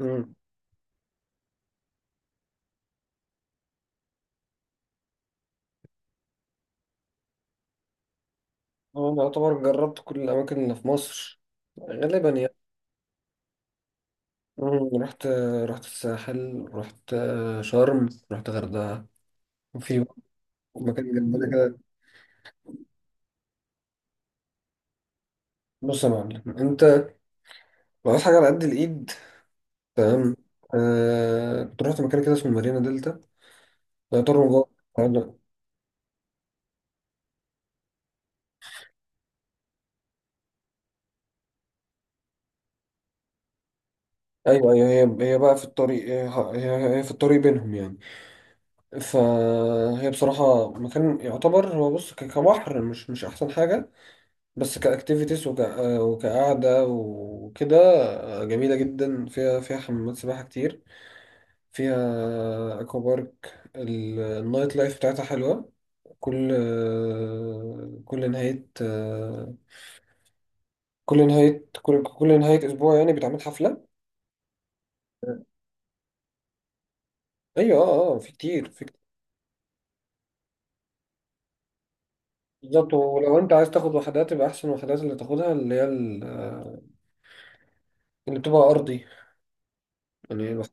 مم. أنا أعتبر جربت كل الأماكن اللي في مصر، غالبا يعني. مم. رحت الساحل، رحت شرم، رحت غردقة وفي مكان جنبنا كده. بص يا معلم، أنت لو عايز حاجة على قد الإيد، تمام. كنت رحت مكان كده اسمه مارينا دلتا، يعتبر من جوه. أيوه. أيوه، هي بقى في الطريق، هي في الطريق بينهم يعني. فهي بصراحة مكان يعتبر، هو بص، كبحر مش أحسن حاجة، بس كاكتيفيتيز وك... آه، وكقعدة وكده. جميلة جدا، فيها حمامات سباحة كتير، فيها اكوا بارك، النايت لايف بتاعتها حلوة. كل آه، كل نهاية آه، كل نهاية كل كل نهاية أسبوع يعني بيتعمل حفلة. أيوة، اه اه، في كتير في كتير. بالظبط. ولو أنت عايز تاخد وحدات، يبقى أحسن وحدات اللي تاخدها اللي هي اللي بتبقى أرضي يعني. الوحدات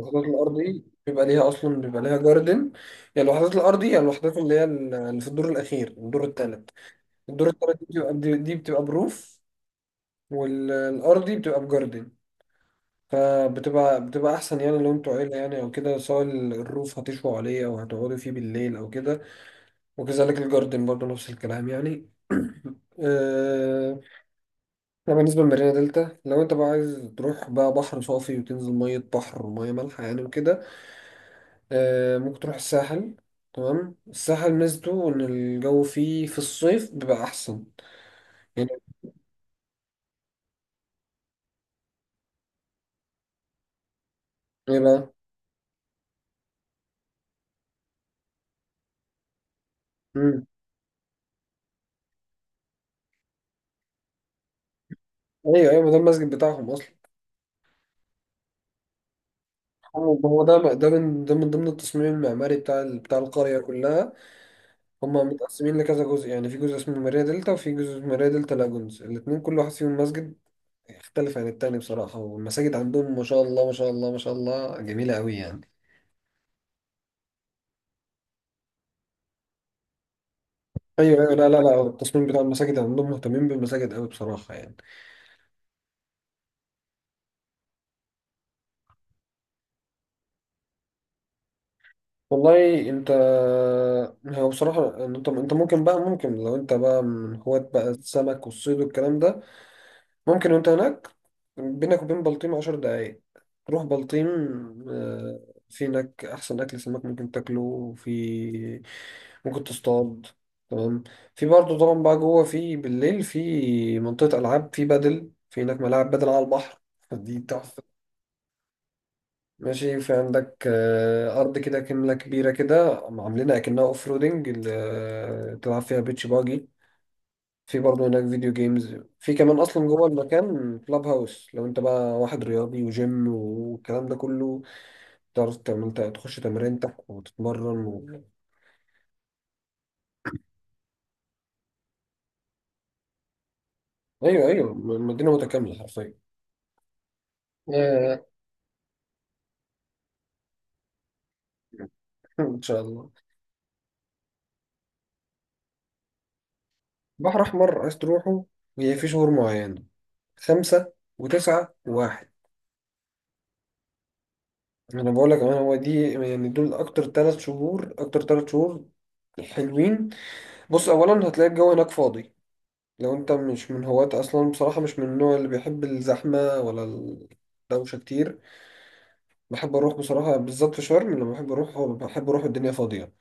الوحدات الأرضي بيبقى ليها أصلا، بيبقى ليها جاردن. يا الوحدات الأرضي، يا الوحدات اللي هي اللي في الدور الأخير، الدور التالت دي بتبقى دي دي بتبقى بروف. والأرضي بتبقى بجاردن. فبتبقى أحسن يعني، لو أنتوا عيلة يعني أو كده، سواء الروف هتشوا عليه أو هتقعدوا فيه بالليل أو كده. وكذلك الجاردن برضه نفس الكلام يعني. أه... ده بالنسبة لمارينا دلتا. لو أنت بقى عايز تروح بقى بحر صافي وتنزل مية بحر ومية مالحة يعني وكده، ممكن تروح الساحل. تمام، الساحل ميزته ان الجو فيه في الصيف بيبقى احسن يعني. ايه بقى؟ مم. ايوه ايوه، ما ده المسجد بتاعهم اصلا. هو ده، ده من ضمن التصميم المعماري بتاع القريه كلها. هم متقسمين لكذا جزء يعني، في جزء اسمه ماريا دلتا وفي جزء اسمه ماريا دلتا لاجونز، الاثنين كل واحد فيهم مسجد يختلف عن التاني بصراحه، والمساجد عندهم ما شاء الله ما شاء الله ما شاء الله جميله قوي يعني. ايوه ايوه، لا لا لا، التصميم بتاع المساجد عندهم، مهتمين بالمساجد قوي بصراحه يعني. والله انت، هو بصراحة انت ممكن بقى، ممكن لو انت بقى من هواة بقى السمك والصيد والكلام ده، ممكن. وانت هناك، بينك وبين بلطيم عشر دقايق، تروح بلطيم. آه، في هناك احسن اكل سمك ممكن تاكله، وفي ممكن تصطاد، تمام. في برضه طبعا بقى جوه في بالليل في منطقة العاب، في بدل، في هناك ملاعب بدل على البحر دي تحفة. ماشي. في عندك أرض كده كملة كبيرة كده عاملينها كأنها أوف رودنج اللي تلعب فيها بيتش باجي. في برضه هناك فيديو جيمز، في كمان أصلا جوه المكان كلاب هاوس، لو أنت بقى واحد رياضي وجيم والكلام ده كله، تعرف تعمل أنت، تخش تمرينتك وتتمرن و... أيوه أيوه، المدينة متكاملة حرفيا. آه، إن شاء الله. بحر أحمر عايز تروحه، هي في شهور معينة: خمسة وتسعة وواحد. انا بقول لك، انا هو دي يعني، دول اكتر ثلاث شهور حلوين. بص اولا، هتلاقي الجو هناك فاضي، لو انت مش من هواة اصلا بصراحه، مش من النوع اللي بيحب الزحمه ولا الدوشه كتير. بحب اروح بصراحه بالذات في شرم، لما بحب اروح، الدنيا فاضيه.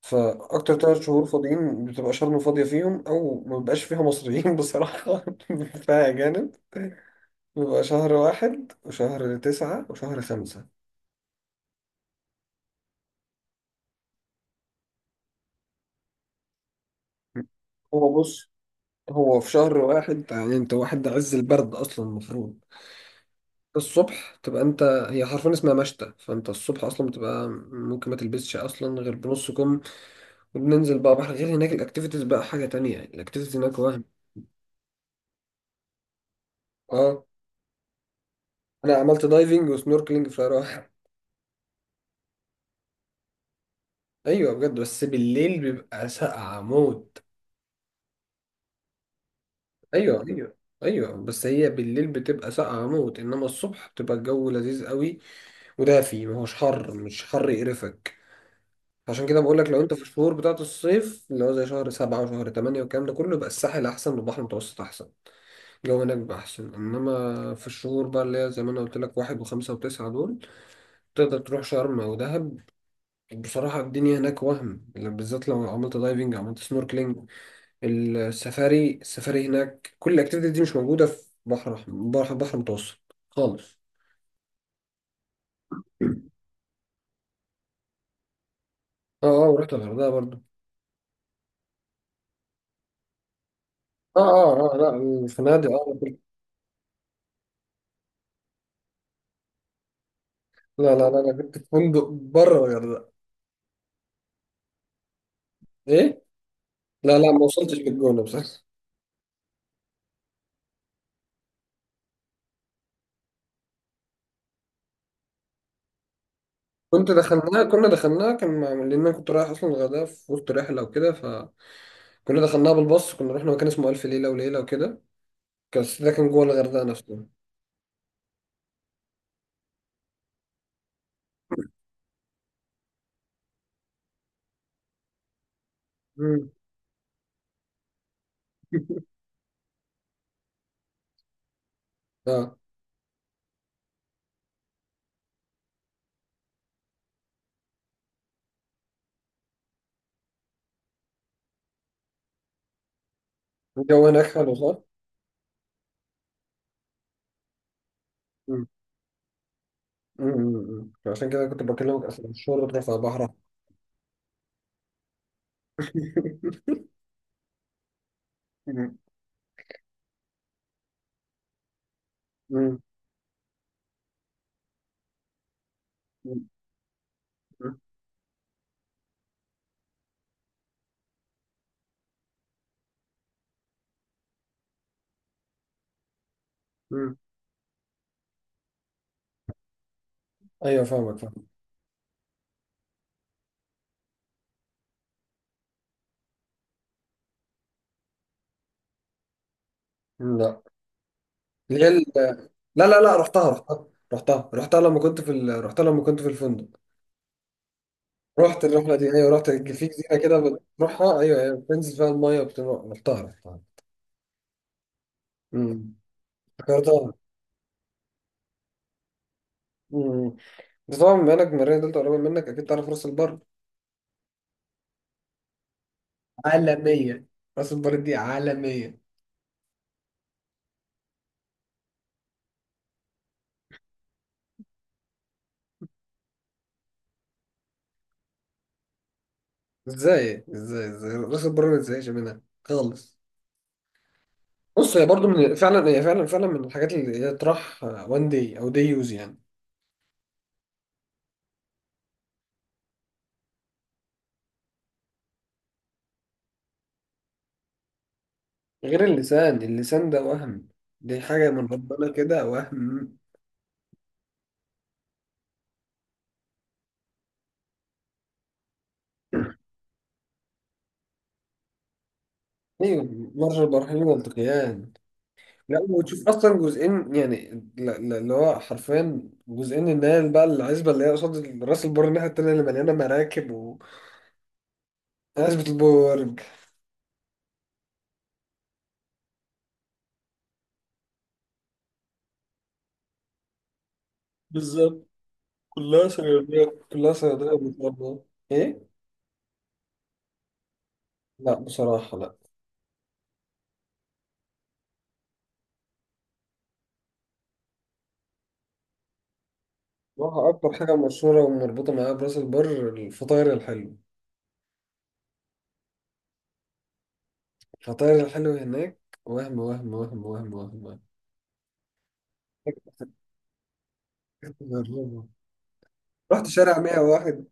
فاكتر ثلاث شهور فاضيين، بتبقى شرم فاضيه فيهم، او ما بيبقاش فيها مصريين بصراحه فيها اجانب. بيبقى شهر واحد وشهر تسعة وشهر خمسة. هو بص، هو في شهر واحد يعني، انت واحد ده عز البرد اصلا المفروض الصبح تبقى انت، هي حرفيا اسمها مشتى، فانت الصبح اصلا بتبقى ممكن ما تلبسش اصلا غير بنص كم. وبننزل بقى بحر، غير هناك الاكتيفيتيز بقى حاجه تانية يعني، الاكتيفيتيز هناك وهم. اه. انا عملت دايفنج وسنوركلينج في راح. ايوه بجد، بس بالليل بيبقى ساقعه موت. ايوه ايوه ايوه. بس هي بالليل بتبقى ساقعه موت، انما الصبح بتبقى الجو لذيذ قوي ودافي، ما هوش حر، مش حر يقرفك. عشان كده بقول لك، لو انت في الشهور بتاعت الصيف اللي هو زي شهر سبعة وشهر تمانية والكلام ده كله، يبقى الساحل أحسن، والبحر المتوسط أحسن، الجو هناك بيبقى أحسن. إنما في الشهور بقى اللي هي زي ما أنا قلت لك واحد وخمسة وتسعة، دول تقدر تروح شرم أو دهب. بصراحة الدنيا هناك وهم، بالذات لو عملت دايفنج، عملت سنوركلينج، السفاري. هناك كل الأكتيفيتي دي مش موجودة في بحر أحمر- بحر بحر متوسط خالص. اه اه، ورحت الغردقة برضو. اه اه اه، لا الفنادق، اه. لا لا لا لا، انا كنت في فندق بره الغردقة. ايه، لا لا، ما وصلتش للجونة بصراحة. كنت دخلناها كنا دخلناها لان انا كنت رايح اصلا الغردقه في وسط رحله وكده، فكنا دخلناها بالباص، كنا رحنا مكان اسمه الف ليله وليله وكده، كان ده كان جوه الغردقه نفسه. مم. اه، الجو هناك حلو صح؟ مم. مم. مم. عشان كده كنت بكلمك اصلا الشغل بتاع البحر. مم. مم. مم. مم. ايوه فاهمك فاهم. لا، لا لا لا، رحتها. رحتها لما كنت في رحتها لما كنت في الفندق. رحت الرحلة دي، أيوة رحت، كان في جزيرة كده بتروحها، أيوة أيوة، بتنزل فيها المية وبتروح، رحتها. أمم. افتكرتها. أمم. بس طبعا بما إنك من المنيا دلتا قريبة منك، أكيد تعرف راس البر. عالمية، راس البر دي عالمية. إزاي راس البر ما تزهقش منها خالص. بص هي برضه، من فعلا هي، فعلا فعلا من الحاجات اللي هي تروح وان داي أو داي يوز يعني. غير اللسان، اللسان ده وهم، دي حاجة من ربنا كده، وهم. أيوة، مرة البحرين والتقيان. لا، وتشوف اصلا جزئين يعني، اللي هو حرفيا جزئين، ان هي بقى العزبه اللي هي قصاد راس البر الناحيه التانيه اللي مليانه مراكب، وعزبه البرج. بالظبط، كلها صيادية، كلها صياديه ما شاء الله. ايه؟ لا بصراحه لا. بصراحه اكتر حاجه مشهوره ومربوطه معايا براس البر الفطاير الحلو، الفطاير الحلو هناك، وهم وهم وهم وهم وهم, وهم. رحت شارع 101،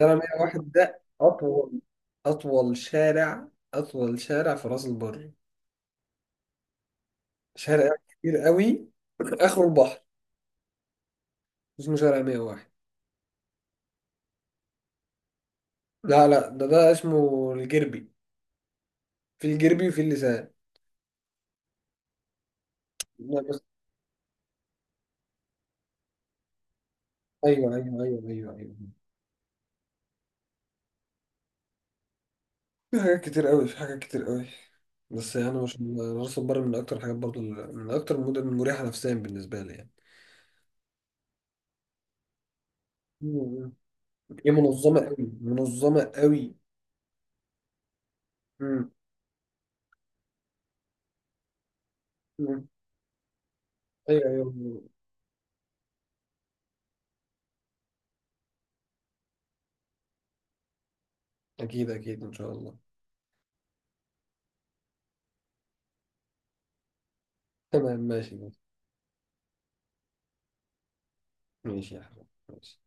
شارع 101 ده أطول، أطول شارع أطول شارع في راس البر، شارع كبير قوي، آخره البحر، اسمه شارع 101. لا لا، ده اسمه الجربي، في الجربي وفي اللسان. لا بس، أيوه أيوه أيوه أيوه أيوه، في حاجات كتير قوي، في حاجات كتير قوي. بس يعني مش راس البر من أكتر الحاجات برضو، من أكتر المدن المريحة نفسيا بالنسبة لي يعني. مم. هي منظمة قوي منظمة قوي. مم. مم. أيوه أيوه أيوه. أكيد أكيد إن شاء الله. تمام ماشي. ماشي يا حبيبي ماشي.